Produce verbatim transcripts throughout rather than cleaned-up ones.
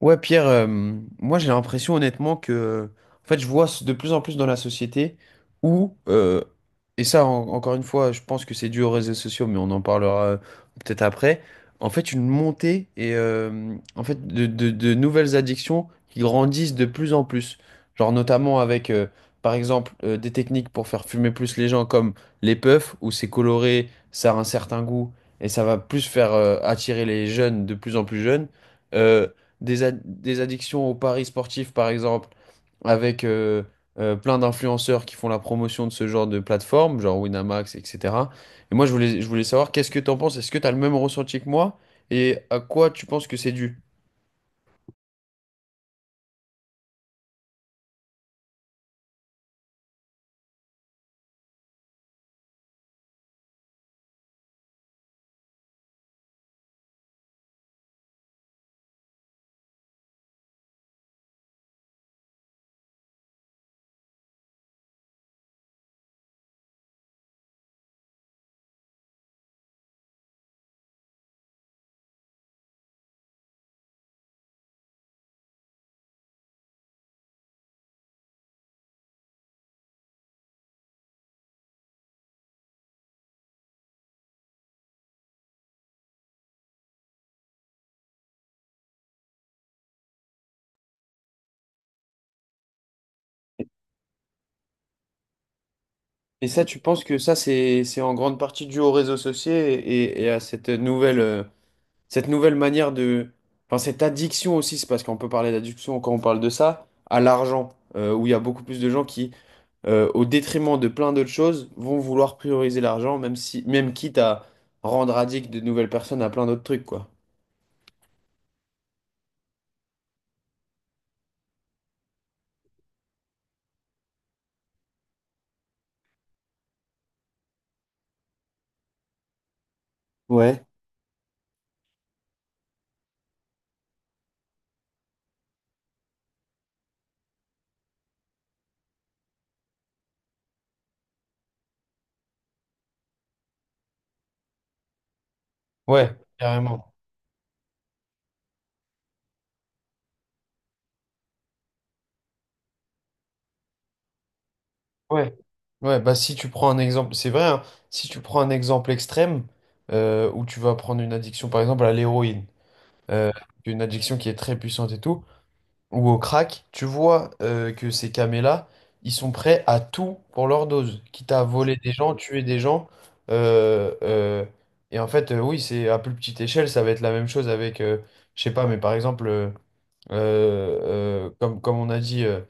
Ouais, Pierre, euh, moi j'ai l'impression honnêtement que, en fait, je vois de plus en plus dans la société où, euh, et ça en- encore une fois, je pense que c'est dû aux réseaux sociaux, mais on en parlera euh, peut-être après, en fait, une montée et euh, en fait de, de- de nouvelles addictions qui grandissent de plus en plus. Genre notamment avec, euh, par exemple, euh, des techniques pour faire fumer plus les gens comme les puffs, où c'est coloré, ça a un certain goût, et ça va plus faire euh, attirer les jeunes de plus en plus jeunes. Euh, des, ad- des addictions aux paris sportifs, par exemple, avec euh, euh, plein d'influenceurs qui font la promotion de ce genre de plateforme, genre Winamax, et cetera. Et moi, je voulais, je voulais savoir, qu'est-ce que tu en penses? Est-ce que tu as le même ressenti que moi? Et à quoi tu penses que c'est dû? Et ça, tu penses que ça, c'est, c'est en grande partie dû aux réseaux sociaux et, et- et à cette nouvelle, euh, cette nouvelle manière de... Enfin, cette addiction aussi, c'est parce qu'on peut parler d'addiction quand on parle de ça, à l'argent, euh, où il y a beaucoup plus de gens qui euh, au détriment de plein d'autres choses, vont vouloir prioriser l'argent, même si, même quitte à rendre addict de nouvelles personnes à plein d'autres trucs, quoi. Ouais. Ouais, carrément. Ouais. Ouais, bah si tu prends un exemple, c'est vrai, hein, si tu prends un exemple extrême euh, où tu vas prendre une addiction, par exemple, à l'héroïne, euh, une addiction qui est très puissante et tout, ou au crack, tu vois euh, que ces camés-là, ils sont prêts à tout pour leur dose, quitte à voler des gens, tuer des gens. euh, euh, et en fait, euh, oui, c'est à plus petite échelle, ça va être la même chose avec, euh, je sais pas, mais par exemple, euh, euh, euh, comme, comme on a dit, euh,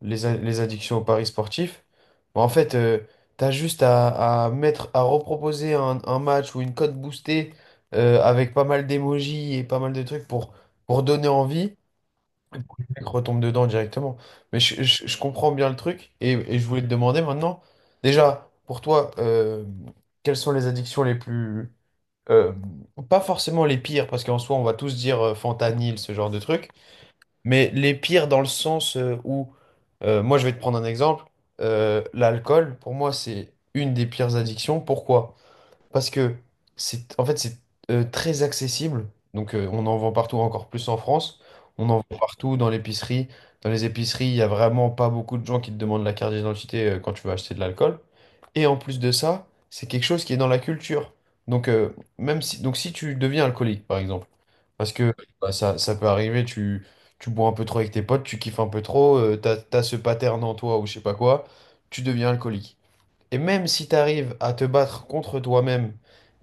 les, a- les addictions aux paris sportifs. Bah, en fait, euh, t'as juste à, à mettre, à reproposer un, un match ou une cote boostée euh, avec pas mal d'émojis et pas mal de trucs pour, pour donner envie. Le mec retombe dedans directement. Mais je, je- je comprends bien le truc et, et je voulais te demander maintenant, déjà, pour toi, euh, quelles sont les addictions les plus... euh, pas forcément les pires, parce qu'en soi, on va tous dire euh, fentanyl, ce genre de truc, mais les pires dans le sens euh, où, euh, moi, je vais te prendre un exemple, euh, l'alcool, pour moi, c'est une des pires addictions. Pourquoi? Parce que c'est en fait c'est euh, très accessible. Donc euh, on en vend partout, encore plus en France. On en vend partout dans l'épicerie. Dans les épiceries, il n'y a vraiment pas beaucoup de gens qui te demandent la carte d'identité euh, quand tu vas acheter de l'alcool. Et en plus de ça, c'est quelque chose qui est dans la culture. Donc euh, même si donc si tu deviens alcoolique par exemple, parce que bah, ça, ça peut arriver, tu tu bois un peu trop avec tes potes, tu kiffes un peu trop, euh, t'as, t'as ce pattern en toi ou je sais pas quoi, tu deviens alcoolique. Et même si tu arrives à te battre contre toi-même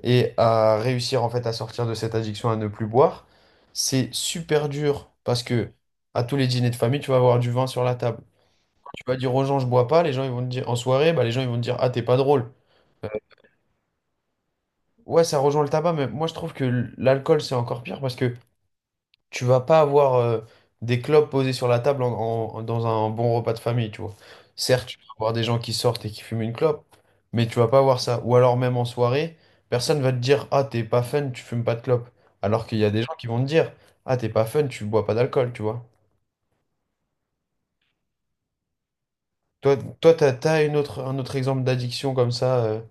et à réussir en fait à sortir de cette addiction à ne plus boire, c'est super dur parce que à tous les dîners de famille, tu vas avoir du vin sur la table. Tu vas dire aux gens je bois pas, les gens ils vont te dire en soirée, bah les gens ils vont te dire ah t'es pas drôle. Ouais, ça rejoint le tabac, mais moi je trouve que l'alcool c'est encore pire parce que tu vas pas avoir euh, des clopes posées sur la table en- en- dans un bon repas de famille, tu vois. Certes, tu vas avoir des gens qui sortent et qui fument une clope, mais tu vas pas avoir ça. Ou alors même en soirée, personne va te dire, ah, t'es pas fun, tu fumes pas de clope. Alors qu'il y a des gens qui vont te dire, ah, t'es pas fun, tu bois pas d'alcool, tu vois. Toi, toi, t'as, t'as une autre, un autre exemple d'addiction comme ça. Euh.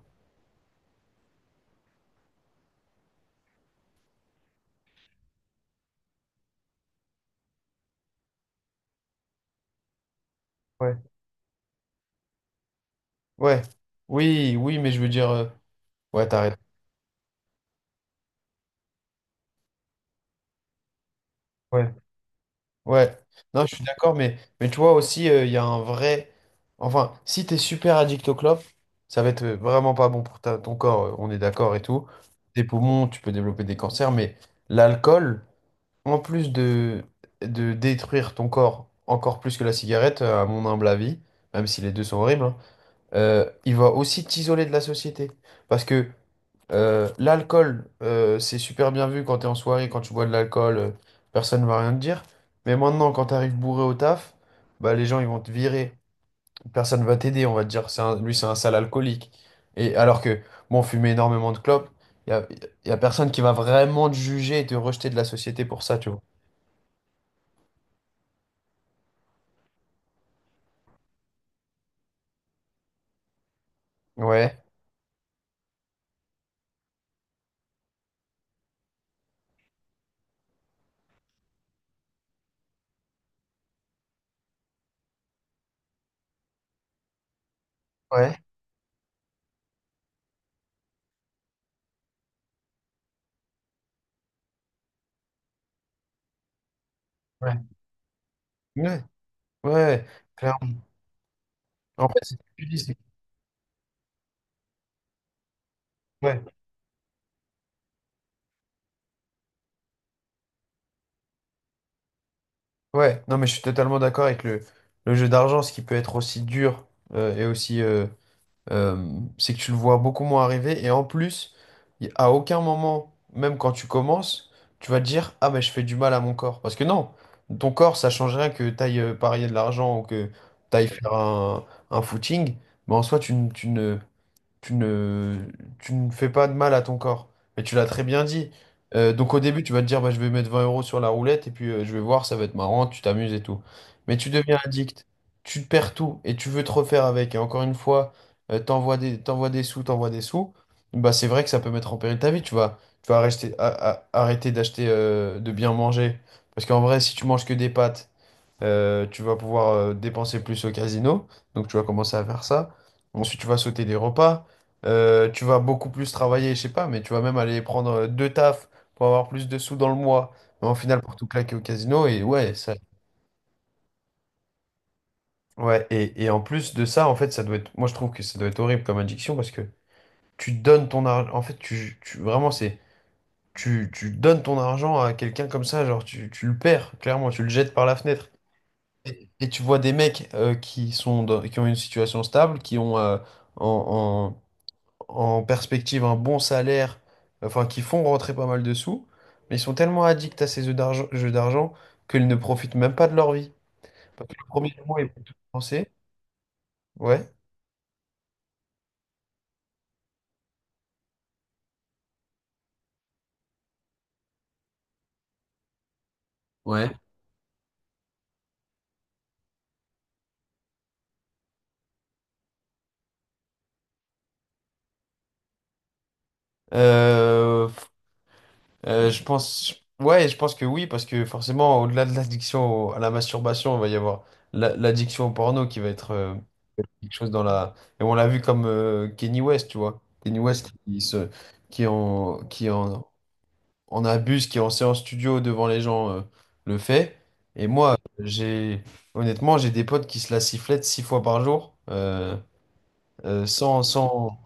Ouais. Ouais. Oui, oui, mais je veux dire, euh, ouais, t'arrêtes. Ouais, non, je suis d'accord, mais, mais tu vois aussi, euh, il y a un vrai. Enfin, si t'es super addict au clopes, ça va être euh, vraiment pas bon pour ta- ton corps, euh, on est d'accord et tout. Tes poumons, tu peux développer des cancers, mais l'alcool, en plus de, de détruire ton corps encore plus que la cigarette, euh, à mon humble avis, même si les deux sont horribles, hein, euh, il va aussi t'isoler de la société. Parce que euh, l'alcool, euh, c'est super bien vu quand t'es en soirée, quand tu bois de l'alcool, euh, personne ne va rien te dire. Mais maintenant, quand t'arrives bourré au taf, bah, les gens ils vont te virer. Personne va t'aider, on va te dire, c'est un- lui c'est un sale alcoolique. Et alors que, bon, fumer énormément de clopes, il y a, y a personne qui va vraiment te juger et te rejeter de la société pour ça, tu vois. Ouais, ouais, ouais, ouais, ouais, clairement. En fait, c'est ce que tu dis, c'est- ouais, ouais. Non, mais je suis totalement d'accord avec le, le jeu d'argent, ce qui peut être aussi dur euh, et aussi. Euh, Euh, c'est que tu le vois beaucoup moins arriver. Et en plus, y- à aucun moment, même quand tu commences, tu vas te dire, ah, mais je fais du mal à mon corps. Parce que non, ton corps, ça change rien que t'ailles euh, parier de l'argent ou que t'ailles faire un, un footing. Mais en soi, tu, ne- tu ne tu ne, tu ne fais pas de mal à ton corps. Mais tu l'as très bien dit. Euh, donc au début, tu vas te dire, bah, je vais mettre vingt euros sur la roulette et puis euh, je vais voir, ça va être marrant, tu t'amuses et tout. Mais tu deviens addict, tu te perds tout et tu veux te refaire avec. Et encore une fois, euh, t'envoies des, t'envoies des sous, t'envoies des sous. Bah, c'est vrai que ça peut mettre en péril ta vie. Tu vas, tu vas arrêter, a- a- arrêter d'acheter, euh, de bien manger. Parce qu'en vrai, si tu manges que des pâtes, euh, tu vas pouvoir euh, dépenser plus au casino, donc tu vas commencer à faire ça. Ensuite, tu vas sauter des repas. Euh, tu vas beaucoup plus travailler, je sais pas, mais tu vas même aller prendre euh, deux tafs pour avoir plus de sous dans le mois. Mais en final, pour tout claquer au casino, et ouais, ça. Ouais, et, et en plus de ça, en fait, ça doit être. Moi, je trouve que ça doit être horrible comme addiction parce que tu donnes ton argent. En fait, tu, tu- vraiment, c'est. Tu, tu donnes ton argent à quelqu'un comme ça, genre, tu, tu le perds, clairement, tu le jettes par la fenêtre. Et et tu vois des mecs euh, qui sont dans- qui ont une situation stable, qui ont euh, en, en- en perspective un bon salaire, enfin qui font rentrer pas mal de sous, mais ils sont tellement addicts à ces jeux d'argent, jeux d'argent qu'ils ne profitent même pas de leur vie. Parce que le premier mois, ils peuvent tout dépenser, ouais. Ouais. Euh, Euh, je pense, ouais, je pense que oui, parce que forcément, au-delà de l'addiction au- à la masturbation, il va y avoir la- l'addiction au porno qui va être euh, quelque chose dans la. Et on l'a vu comme euh, Kanye West, tu vois. Kanye West qui se, qui en, qui en, en abuse, qui en séance studio devant les gens euh, le fait. Et moi, j'ai, honnêtement, j'ai des potes qui se la sifflettent six fois par jour, euh, euh, sans, sans,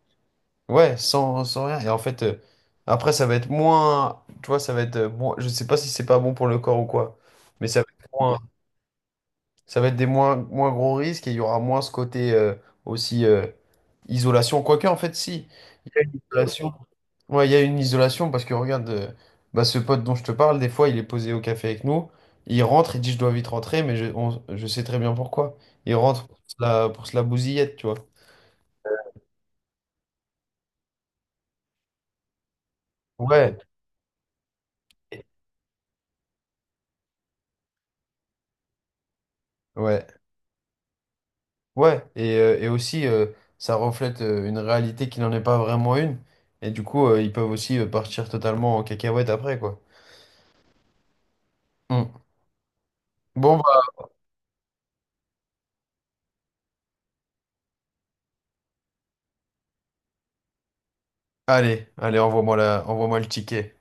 ouais, sans, sans rien. Et en fait, euh, après, ça va être moins. Tu vois, ça va être. euh, moins- je sais pas si c'est pas bon pour le corps ou quoi. Mais ça va être moins, ça va être des moins, moins gros risques et il y aura moins ce côté euh, aussi euh, isolation. Quoique, en fait, si. Il y a une isolation. Ouais, il y a une isolation parce que regarde, euh, bah, ce pote dont je te parle, des fois, il est posé au café avec nous. Il rentre, il dit je dois vite rentrer, mais je, on- je sais très bien pourquoi. Il rentre pour se la, pour se la bousillette, tu vois. Ouais. Ouais. Ouais, et, euh, et aussi, euh, ça reflète euh, une réalité qui n'en est pas vraiment une. Et du coup, euh, ils peuvent aussi euh, partir totalement en cacahuète après, quoi. Mm. Bon, bah, allez, allez, envoie-moi la, envoie-moi le ticket.